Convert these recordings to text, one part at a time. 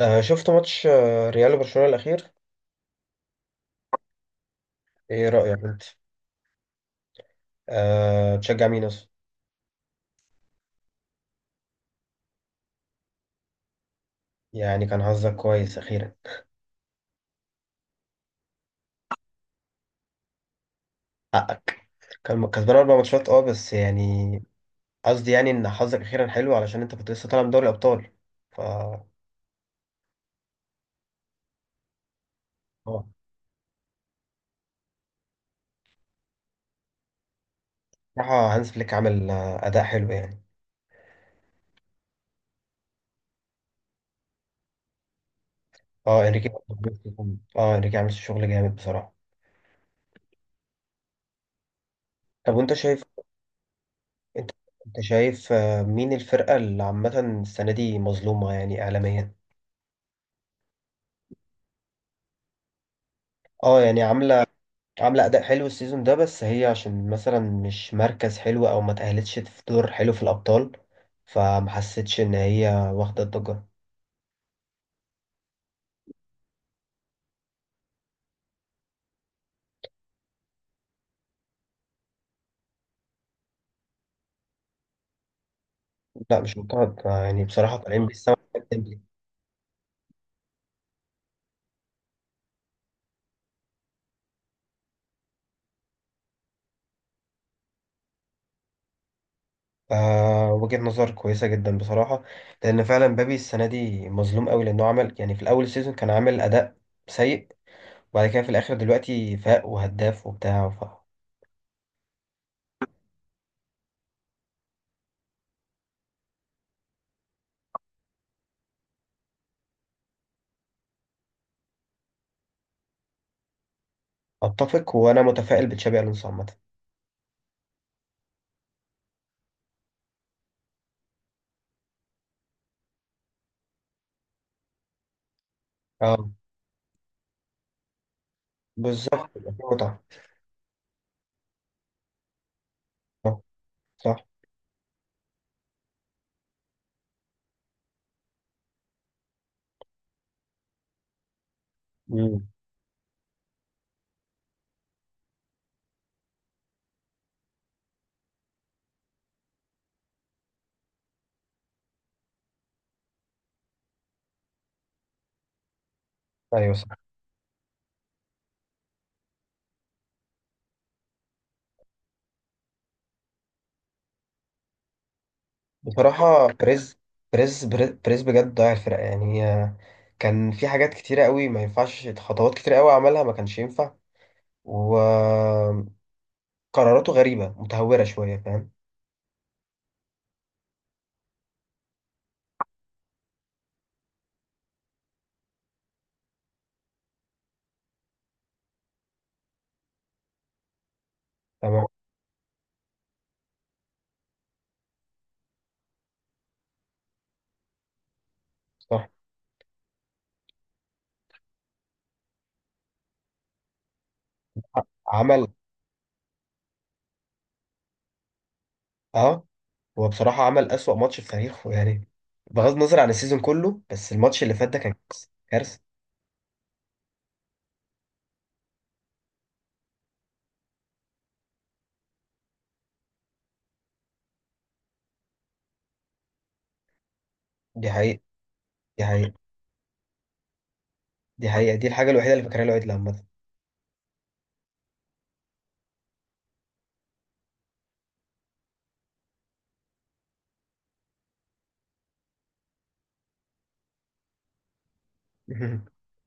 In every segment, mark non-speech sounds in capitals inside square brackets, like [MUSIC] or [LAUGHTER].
شفت ماتش ريال وبرشلونة الأخير. إيه رأيك أنت؟ آه، تشجع مين أصلا؟ يعني كان حظك كويس أخيرا. حقك، كان كسبان 4 ماتشات بس يعني قصدي يعني إن حظك أخيرا حلو علشان أنت كنت لسه طالع من دوري الأبطال. ف أه بصراحة هانز فليك عمل أداء حلو يعني. أه، إنريكي. أه، إنريكي عامل شغل جامد بصراحة. طب وأنت شايف، أنت أنت شايف مين الفرقة اللي عامة السنة دي مظلومة يعني إعلاميا؟ أه، يعني عاملة، عاملة أداء حلو السيزون ده بس هي عشان مثلا مش مركز حلو أو ما تأهلتش في دور حلو في الأبطال، فما حسيتش إن هي واخدة الضجة. لا مش مقتنع يعني، بصراحة طالعين بالسما. ديمبلي. آه، وجهة نظر كويسة جدا بصراحة، لأن فعلا مبابي السنة دي مظلوم قوي لأنه عمل يعني في الأول السيزون كان عامل أداء سيء، وبعد كده في الآخر دلوقتي فاق وهداف وبتاع. فأتفق، وأنا متفائل بتشابي ألونسو عامة. اه. بالظبط، يبقى في متعة. آه، صح. مم. أيوه، صح. بصراحة بريز بجد ضيع الفرقة يعني، هي كان في حاجات كتيرة قوي ما ينفعش، خطوات كتيرة قوي عملها ما كانش ينفع، وقراراته غريبة متهورة شوية، فاهم. تمام. صح. عمل. اه، هو بصراحة عمل أسوأ ماتش في تاريخه [LAUGHS] يعني، بغض النظر عن السيزون كله بس الماتش اللي فات ده كان كارثة. كارثة. دي حقيقة. دي حقيقة. دي حقيقة، دي الحاجة الوحيدة اللي فاكرها له، عيد لما [LAUGHS]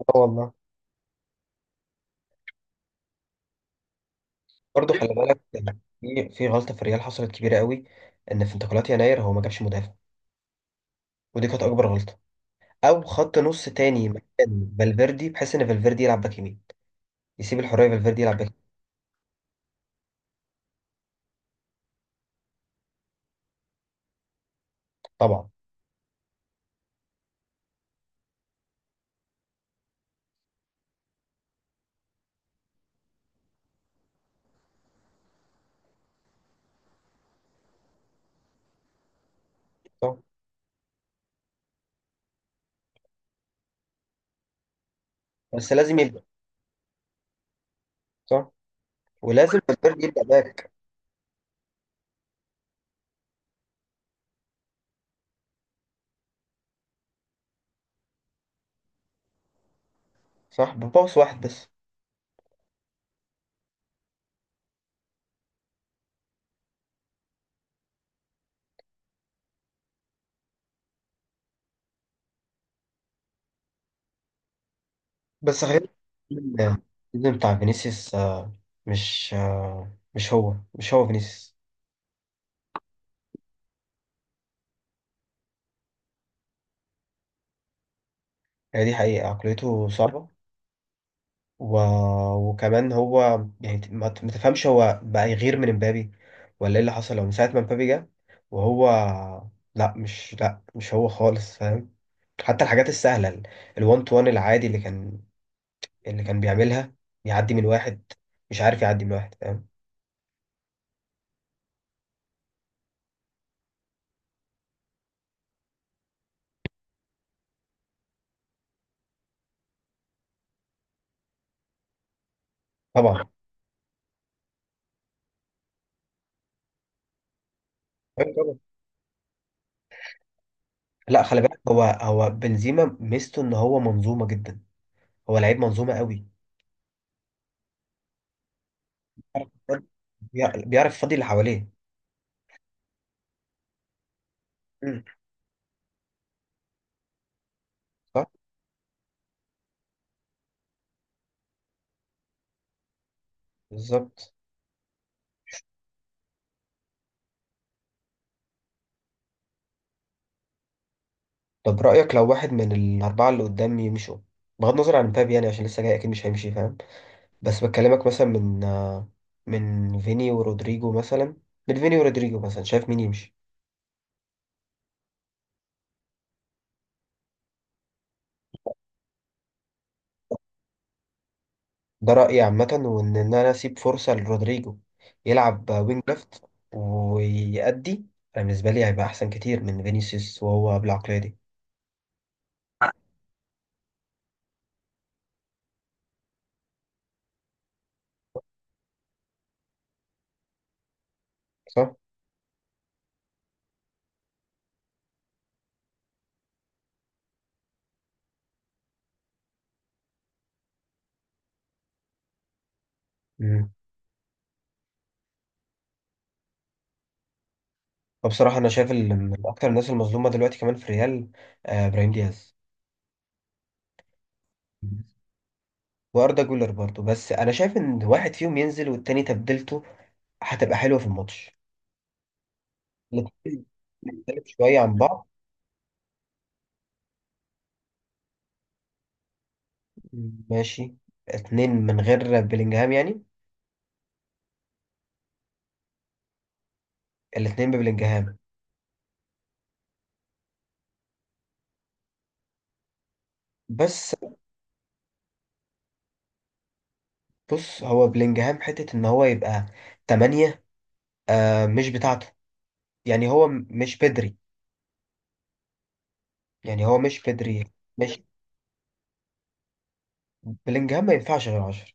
اه والله. برضه خلي بالك، في غلطه في الريال حصلت كبيره قوي، ان في انتقالات يناير هو ما جابش مدافع، ودي كانت اكبر غلطه، او خط نص تاني مكان فالفيردي بحيث ان فالفيردي يلعب باك يمين، يسيب الحريه فالفيردي يلعب باك يمين. طبعا. صح. بس لازم يبدا. صح، ولازم فالفيردي يبدا باك. صح، بباص واحد بس. بس غير إن السيزون بتاع فينيسيوس مش مش هو، مش هو فينيسيوس. هي دي حقيقه، عقليته صعبه، و... وكمان هو يعني ما تفهمش، هو بقى يغير من امبابي ولا ايه اللي حصل؟ هو من ساعة ما امبابي جه وهو لا مش هو خالص، فاهم، حتى الحاجات السهلة الوان تو وان العادي اللي كان بيعملها، يعدي من واحد، مش عارف يعدي من واحد، فاهم. طبعا. أيوة طبعا. لا خلي بالك، هو بنزيما ميزته ان هو منظومة جدا، هو لعيب منظومة قوي. بيعرف يفضي اللي حواليه. مم. صح. بالظبط. طب رأيك لو واحد من الأربعة اللي قدامي يمشوا، بغض النظر عن مبابي يعني عشان لسه جاي أكيد مش هيمشي، فاهم؟ بس بكلمك مثلا من من فيني ورودريجو مثلا من فيني ورودريجو مثلا، شايف مين يمشي؟ ده رأيي عامة، وإن أنا أسيب فرصة لرودريجو، يلعب وينج ليفت ويأدي. أنا بالنسبة لي هيبقى أحسن كتير من فينيسيوس وهو بالعقلية دي. صح؟ مم. فبصراحة أنا شايف من أكتر الناس المظلومة دلوقتي كمان في ريال، إبراهيم دياز. واردا جولر برضه، بس انا شايف ان واحد فيهم ينزل والتاني تبديلته هتبقى حلوه في الماتش. الاتنين مختلف شويه عن بعض. ماشي، اتنين من غير بلينجهام يعني؟ الاتنين ببلينجهام. بس بص، هو بلينجهام حتة ان هو يبقى 8 آه، مش بتاعته يعني، مش بدري، يعني هو مش بدري. مش، بلينجهام ما ينفعش غير 10.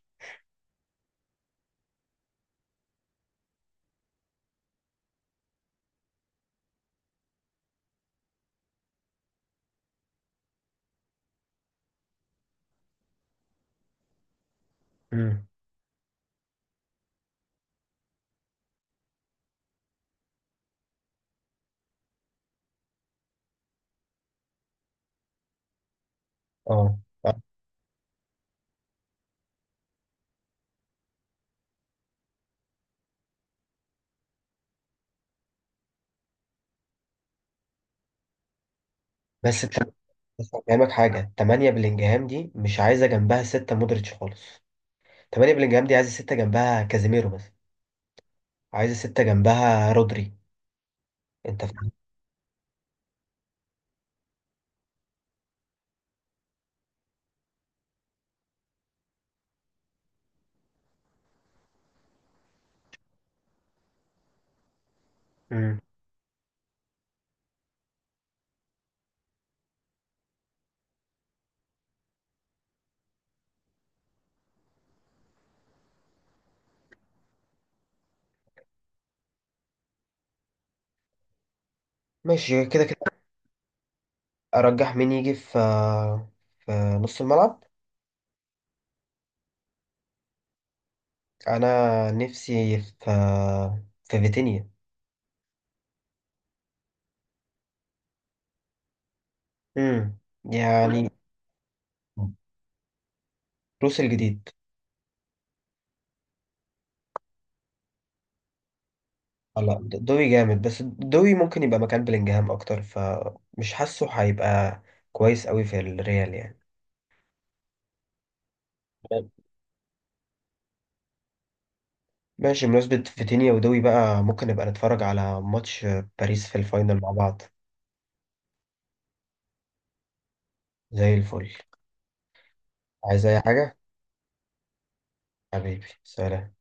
امم. اه. بس الت- بس هفهمك حاجة، 8 بلينجهام دي مش عايزة جنبها 6 مودريتش خالص، تمانية بلينجهام دي عايزة 6 جنبها كازيميرو مثلا، عايزة 6 جنبها رودري، انت فاهم. امم. ماشي كده كده. ارجح مين يجي في، في نص الملعب. انا نفسي في، فيتينيا. امم، يعني. روس الجديد. لا دوي جامد، بس دوي ممكن يبقى مكان بلينجهام اكتر، فمش حاسه هيبقى كويس قوي في الريال يعني. ماشي، بمناسبة فيتينيا ودوي بقى، ممكن نبقى نتفرج على ماتش باريس في الفاينل مع بعض. زي الفل. عايز اي حاجة؟ حبيبي سلام.